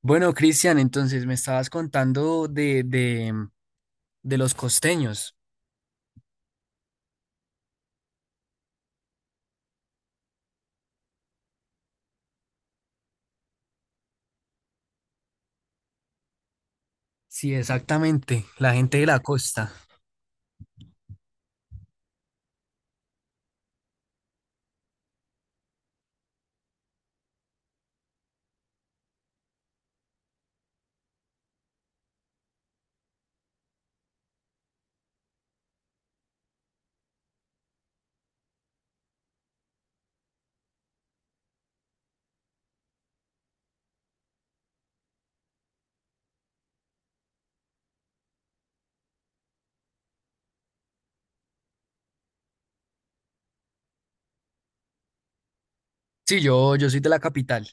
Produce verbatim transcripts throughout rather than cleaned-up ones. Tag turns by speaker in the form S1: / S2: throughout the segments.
S1: Bueno, Cristian, entonces me estabas contando de, de, de los costeños. Sí, exactamente, la gente de la costa. Sí, yo, yo soy de la capital.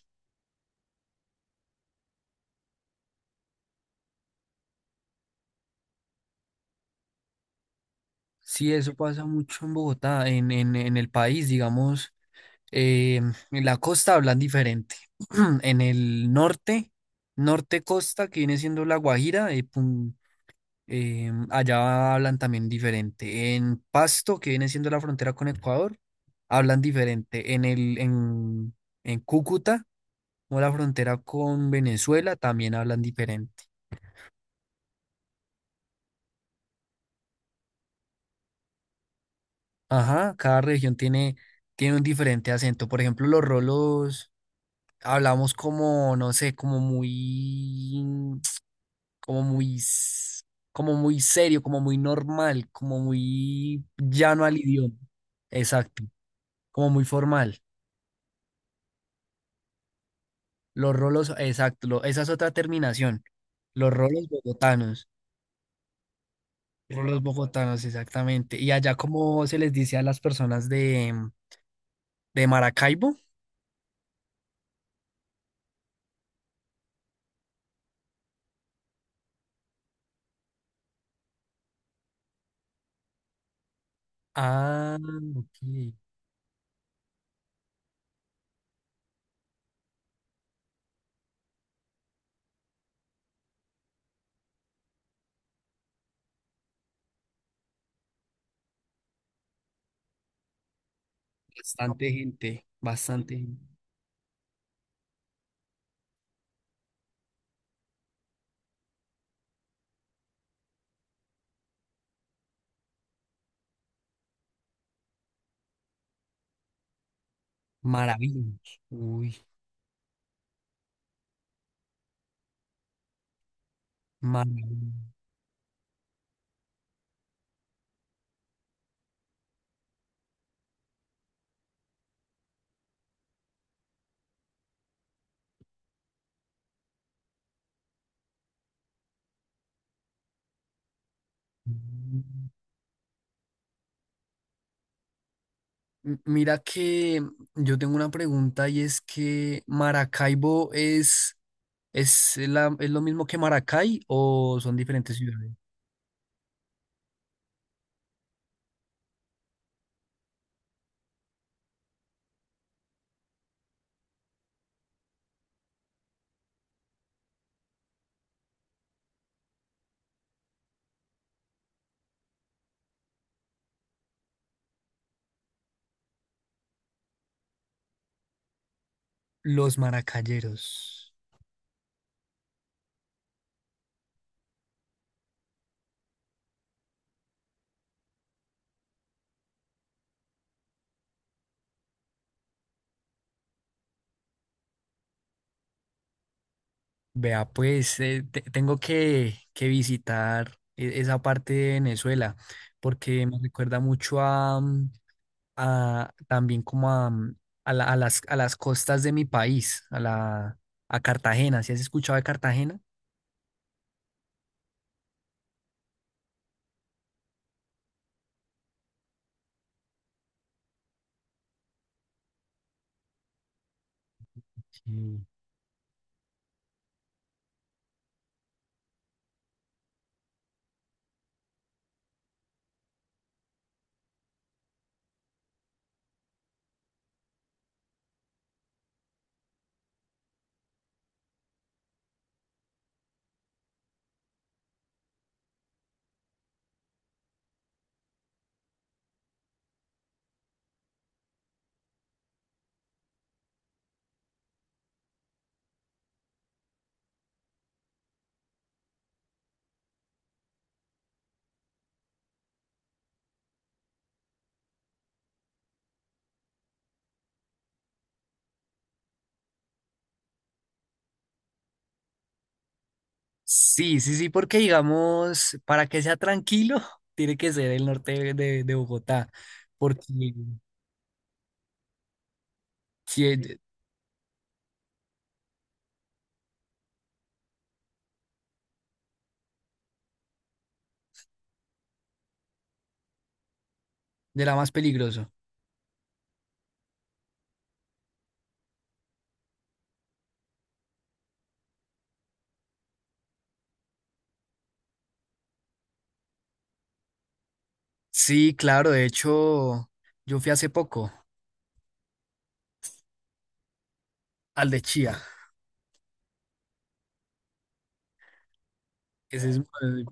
S1: Sí, eso pasa mucho en Bogotá, en, en, en el país, digamos. eh, en la costa hablan diferente. En el norte, norte costa, que viene siendo La Guajira, eh, pun- Eh, allá hablan también diferente. En Pasto, que viene siendo la frontera con Ecuador, hablan diferente. En el, en, en Cúcuta, o la frontera con Venezuela, también hablan diferente. Ajá, cada región tiene, tiene un diferente acento. Por ejemplo, los rolos hablamos como, no sé, como muy, como muy, s- como muy serio, como muy normal, como muy llano al idioma. Exacto, como muy formal. Los rolos, exacto, lo- esa es otra terminación. Los rolos bogotanos. Rolos bogotanos, exactamente. ¿Y allá cómo se les dice a las personas de, de Maracaibo? Ah, ok. Bastante gente, bastante gente. Maravillos. Uy, maravilloso. M- Mira que yo tengo una pregunta y es que Maracaibo es, es, la- ¿es lo mismo que Maracay o son diferentes ciudades? Los maracayeros. Vea, pues eh, te- tengo que, que visitar e- esa parte de Venezuela porque me recuerda mucho a, mm, a- también como a, mm, a la- a las, a las costas de mi país, a la, a Cartagena. ¿Sí has escuchado de Cartagena? Sí. Sí, sí, sí, porque digamos, para que sea tranquilo, tiene que ser el norte de, de- de Bogotá, porque sí, es de, de la más peligroso. Sí, claro, de hecho, yo fui hace poco al de Chía. Ese es, eh,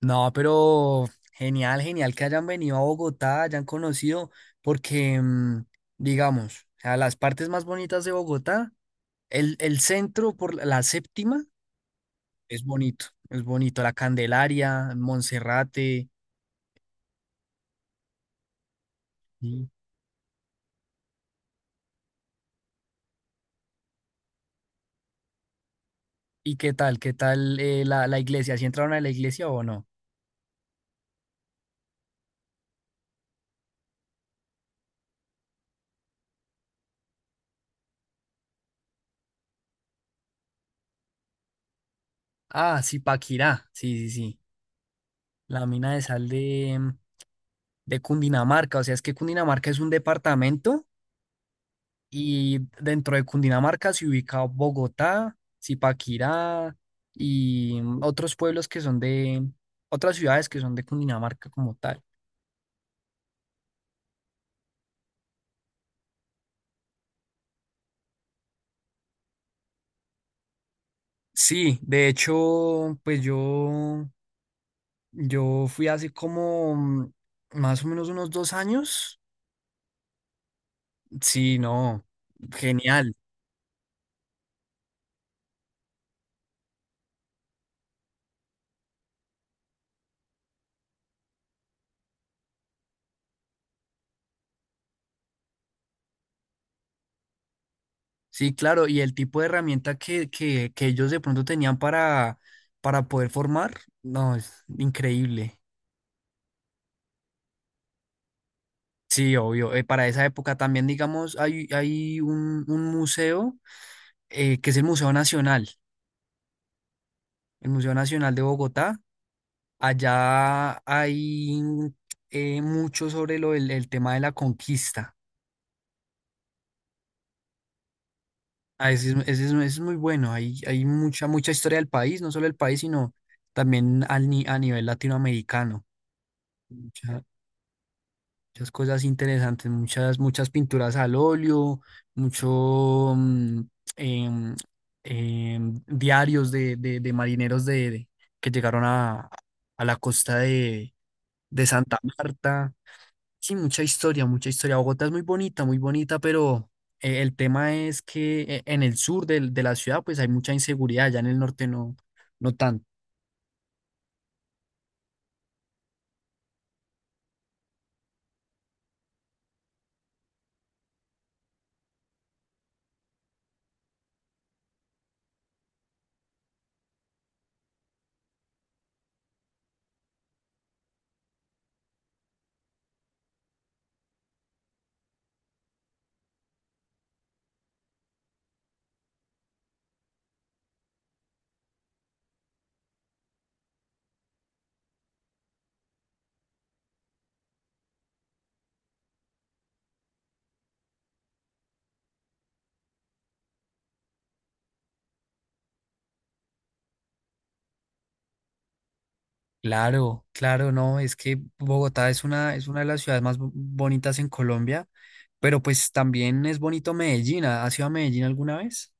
S1: no, pero genial, genial que hayan venido a Bogotá, hayan conocido, porque, mm, digamos, o sea, las partes más bonitas de Bogotá, el, el centro por la la séptima es bonito, es bonito, la Candelaria, Monserrate. Sí. ¿Y qué tal? ¿Qué tal eh, la, la iglesia? ¿Si entraron a la iglesia o no? Ah, sí, Paquirá, sí, sí, sí, la mina de sal de, mm, de Cundinamarca. O sea, es que Cundinamarca es un departamento. Y dentro de Cundinamarca se ubica Bogotá, Zipaquirá y mm, otros pueblos que son de otras ciudades que son de Cundinamarca como tal. Sí, de hecho, pues yo, yo fui hace como mm, más o menos unos dos años. Sí, no, genial. Sí, claro, y el tipo de herramienta que, que, que ellos de pronto tenían para, para poder formar, no, es increíble. Sí, obvio. Eh, para esa época también, digamos, hay, hay un, un museo eh, que es el Museo Nacional, el Museo Nacional de Bogotá. Allá hay eh, mucho sobre lo, del- el, tema de la conquista. Ah, ese es, ese es- ese es muy bueno. Hay, hay mucha, mucha historia del país, no solo del país, sino también al, ni- a nivel latinoamericano. Muchas cosas interesantes, muchas, muchas pinturas al óleo, mucho mm, em, em, diarios de, de- de marineros de, de- que llegaron a, a la costa de, de Santa Marta. Sí, mucha historia, mucha historia. Bogotá es muy bonita, muy bonita, pero eh, el tema es que eh, en el sur del- de la ciudad pues hay mucha inseguridad, ya en el norte no, no tanto. Claro, claro, no, es que Bogotá es una, es una de las ciudades más bo- bonitas en Colombia, pero pues también es bonito Medellín. ¿Ha- Has ido a Medellín alguna vez?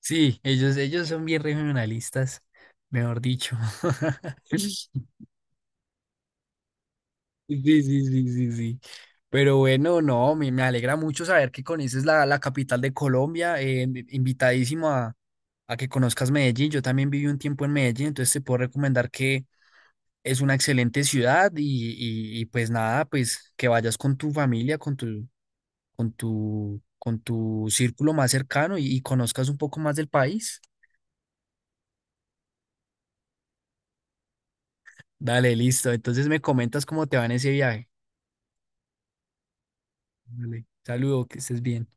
S1: Sí, ellos, ellos son bien regionalistas, mejor dicho. Sí, sí, sí, sí, sí. Pero bueno, no, me, me alegra mucho saber que conoces la, la capital de Colombia. Eh, invitadísimo a, a que conozcas Medellín. Yo también viví un tiempo en Medellín, entonces te puedo recomendar que es una excelente ciudad y, y- y, pues nada, pues que vayas con tu familia, con tu, con tu, con tu círculo más cercano y, y conozcas un poco más del país. Dale, listo. Entonces me comentas cómo te va en ese viaje. Dale, saludo, que estés bien.